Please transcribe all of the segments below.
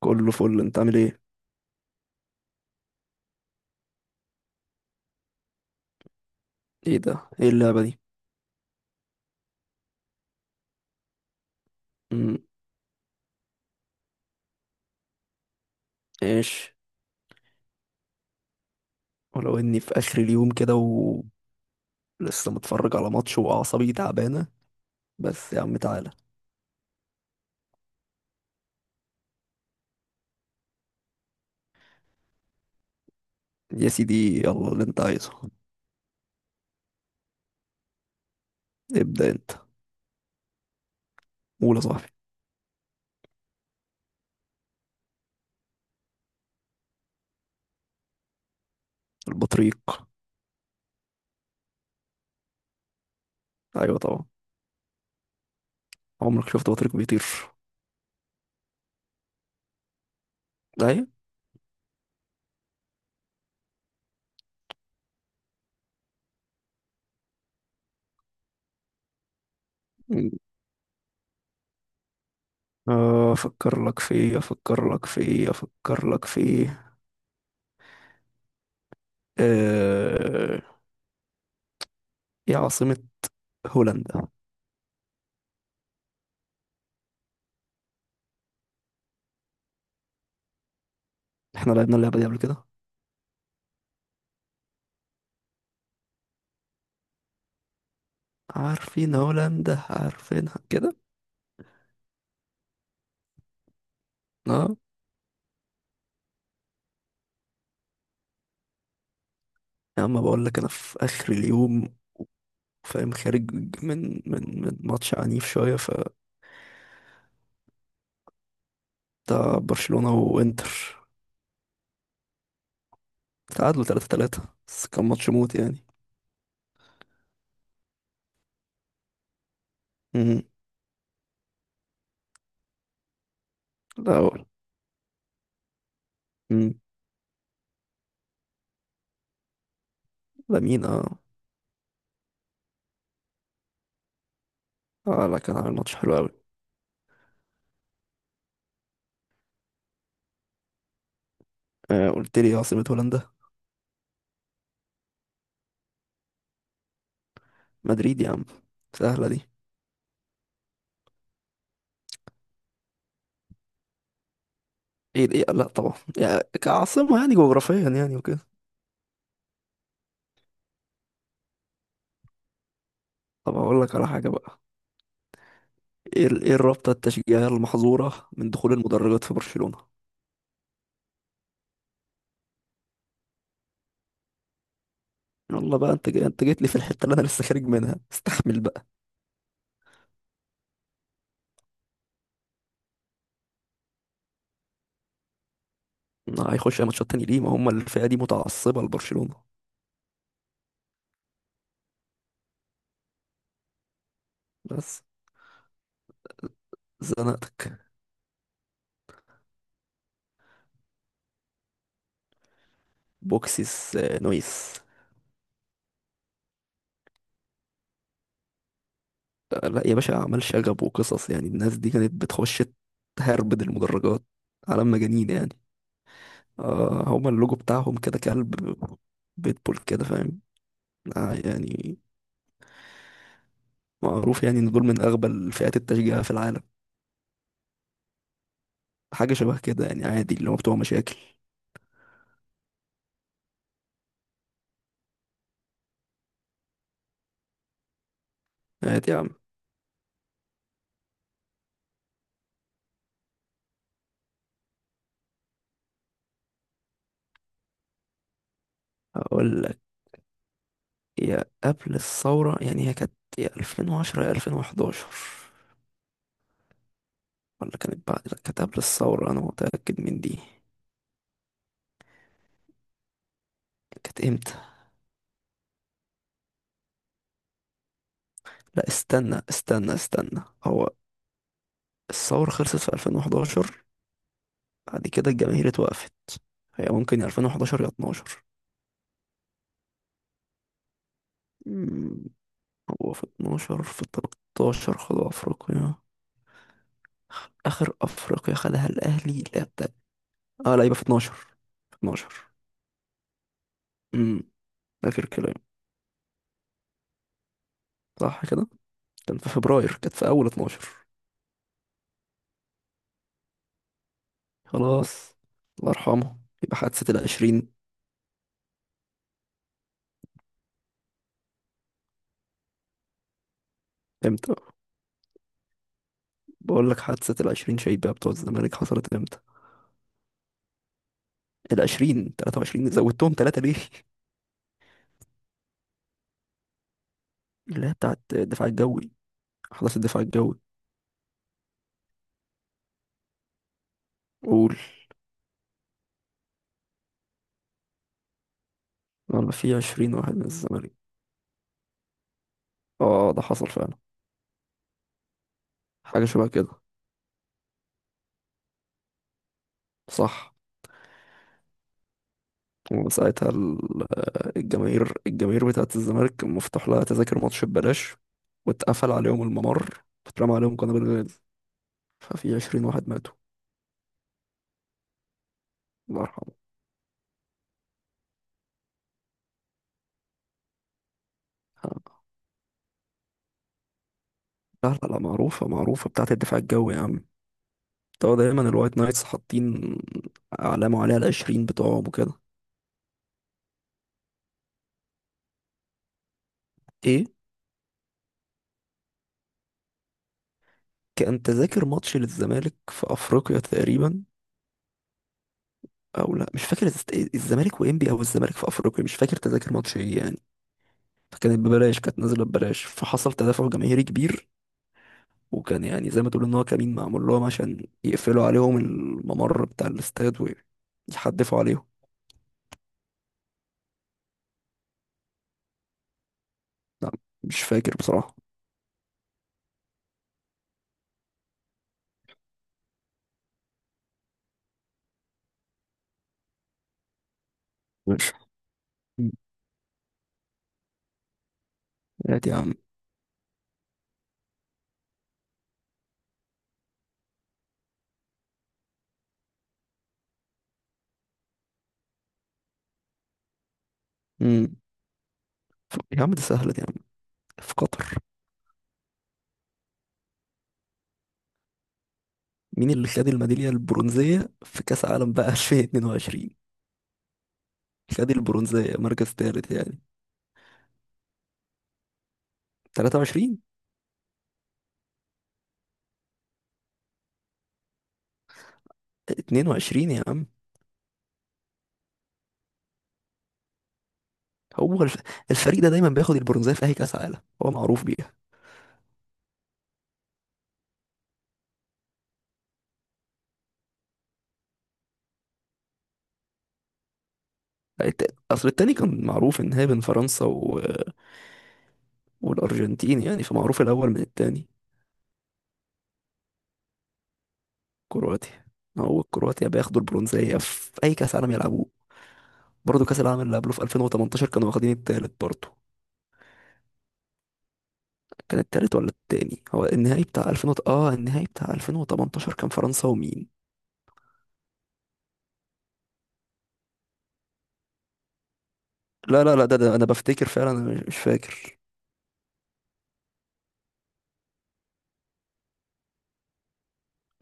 كله فل، انت عامل ايه؟ ايه ده؟ ايه اللعبة دي؟ امم. ايش؟ ولو اني في اخر اليوم كده ولسه متفرج على ماتش واعصابي تعبانة، بس يا عم تعالى. يا سيدي، يلا اللي انت عايزه. ابدأ انت. قول يا صاحبي. البطريق. ايوه طبعا. عمرك شفت بطريق بيطير؟ ايوه. مم. افكر لك في ايه، افكر لك في ايه، افكر لك في ايه؟ آه، ايه عاصمة هولندا؟ احنا لعبنا اللعبة دي قبل كده. عارفين هولندا، عارفينها كده. اه. يا عم بقول لك، انا في اخر اليوم فاهم، خارج من ماتش عنيف شويه، ف- بتاع برشلونه وانتر. تعادلوا 3-3، بس كان ماتش موت يعني. امم. لا، هو- امم. لامين اه. اه، لا كان عامل ماتش حلو قوي. آه، قلت لي عاصمه هولندا. مدريد يا عم، سهله دي. ايه ايه، لا طبعا يعني كعاصمه، يعني جغرافيا يعني وكده. طب، اقول لك على حاجه بقى. ايه الرابطه التشجيعيه المحظوره من دخول المدرجات في برشلونه؟ يلا بقى، انت جيت لي في الحته اللي انا لسه خارج منها، استحمل بقى. هيخش أي ماتشات تاني ليه؟ ما هم الفئة دي متعصبة لبرشلونة. بس، زنقتك. بوكسيس نويس. لا يا باشا، أعمال شغب وقصص يعني، الناس دي كانت بتخش تهربد المدرجات على مجانين يعني. هما اللوجو بتاعهم كده كلب بيتبول كده، فاهم. آه يعني معروف يعني إن دول من أغبى الفئات التشجيع في العالم. حاجة شبه كده يعني، عادي اللي هو بتوع مشاكل. عادي يا عم. أقول لك، يا قبل الثورة يعني، هي كانت يا 2010 يا 2011، ولا كانت بعد، لا كانت قبل الثورة، أنا متأكد من دي. كانت إمتى؟ لا، استنى استنى استنى، هو الثورة خلصت في 2011، بعد كده الجماهير اتوقفت. هي ممكن يا 2011 يا 12. مم، هو في 12، في 13 خدوا أفريقيا، آخر أفريقيا خدها الأهلي، لا ده. آه، لا يبقى في 12. في 12. امم. آخر كلام. صح كده. كان في فبراير، كانت في أول 12. خلاص. الله يرحمه. يبقى حادثة العشرين. امتى؟ بقول لك، حادثة العشرين شيبة بتوع الزمالك حصلت امتى؟ العشرين، تلاتة وعشرين؟ زودتهم تلاتة ليه؟ اللي هي بتاعت الدفاع الجوي، حدث الدفاع الجوي. قول. لما في عشرين واحد من الزمالك. اه، ده حصل فعلا. حاجة شبه كده. صح. وساعتها الجماهير بتاعت الزمالك مفتوح لها تذاكر ماتش ببلاش، واتقفل عليهم الممر، واترمى عليهم قنابل غاز. ففي عشرين واحد ماتوا. الله يرحمه. لا لا لا، معروفة بتاعت الدفاع الجوي يا عم. طبعا دايما الوايت نايتس حاطين علامة عليها، العشرين بتوعهم وكده. ايه؟ كان تذاكر ماتش للزمالك في افريقيا تقريبا، او لا مش فاكر الز-، الزمالك وانبي او الزمالك في افريقيا، مش فاكر تذاكر ماتش ايه يعني. فكانت ببلاش، كانت نازلة ببلاش، فحصل تدافع جماهيري كبير. وكان يعني زي ما تقول ان هو كمين معمول لهم، عشان يقفلوا عليهم الممر بتاع الاستاد ويحدفوا عليهم. لا. مش فاكر بصراحة. مش- هات يا عم. مم. يا عم دي سهلة دي يا عم. في قطر. مين اللي خد الميدالية البرونزية في كأس عالم بقى 2022؟ خد البرونزية، مركز ثالث يعني. 23. 22 يا عم. هو الفريق ده دايما بياخد البرونزية في أي كأس عالم، هو معروف بيها. أصل التاني كان معروف إن هي بين فرنسا والأرجنتين يعني، فمعروف الأول من التاني. كرواتيا. هو كرواتيا بياخدوا البرونزية في أي كأس عالم يلعبوه. برضه كأس العالم اللي قبله في 2018 كانوا واخدين التالت برضه. كان التالت ولا التاني؟ هو النهائي بتاع 2000 وت- اه النهائي بتاع 2018 كان فرنسا ومين؟ لا لا لا، ده انا بفتكر فعلا، انا مش فاكر.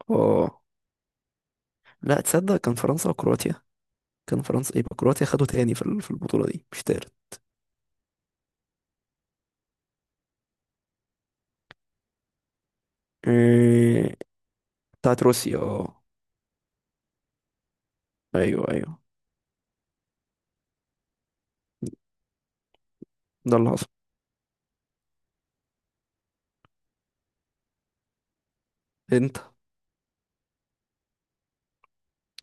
اه، لا تصدق كان فرنسا وكرواتيا. كان فرنسا، يبقى كرواتيا خدوا تاني في البطولة دي، مش تالت. إيه، بتاعت روسيا اه. ايوه ايوه. ده اللي حصل. انت.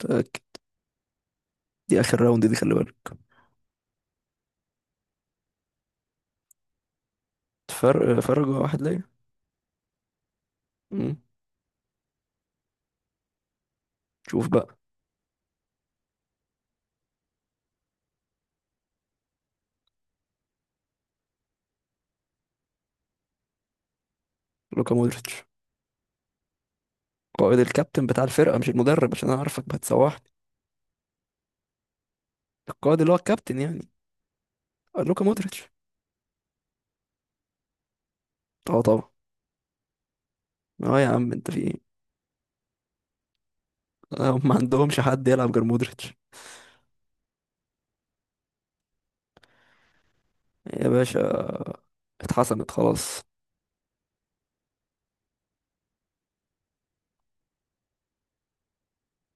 متأكد. دي اخر راوند دي، خلي بالك. فرق واحد ليا. مم. شوف بقى. لوكا مودريتش. قائد الكابتن بتاع الفرقة، مش المدرب، عشان انا عارفك هتسوحني. القائد اللي هو الكابتن يعني. لوكا مودريتش. اه طبعا. اه يا عم، انت في ايه؟ هم ما عندهمش حد يلعب غير مودريتش. يا باشا، اتحسمت خلاص.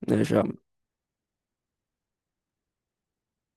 ماشي يا عم.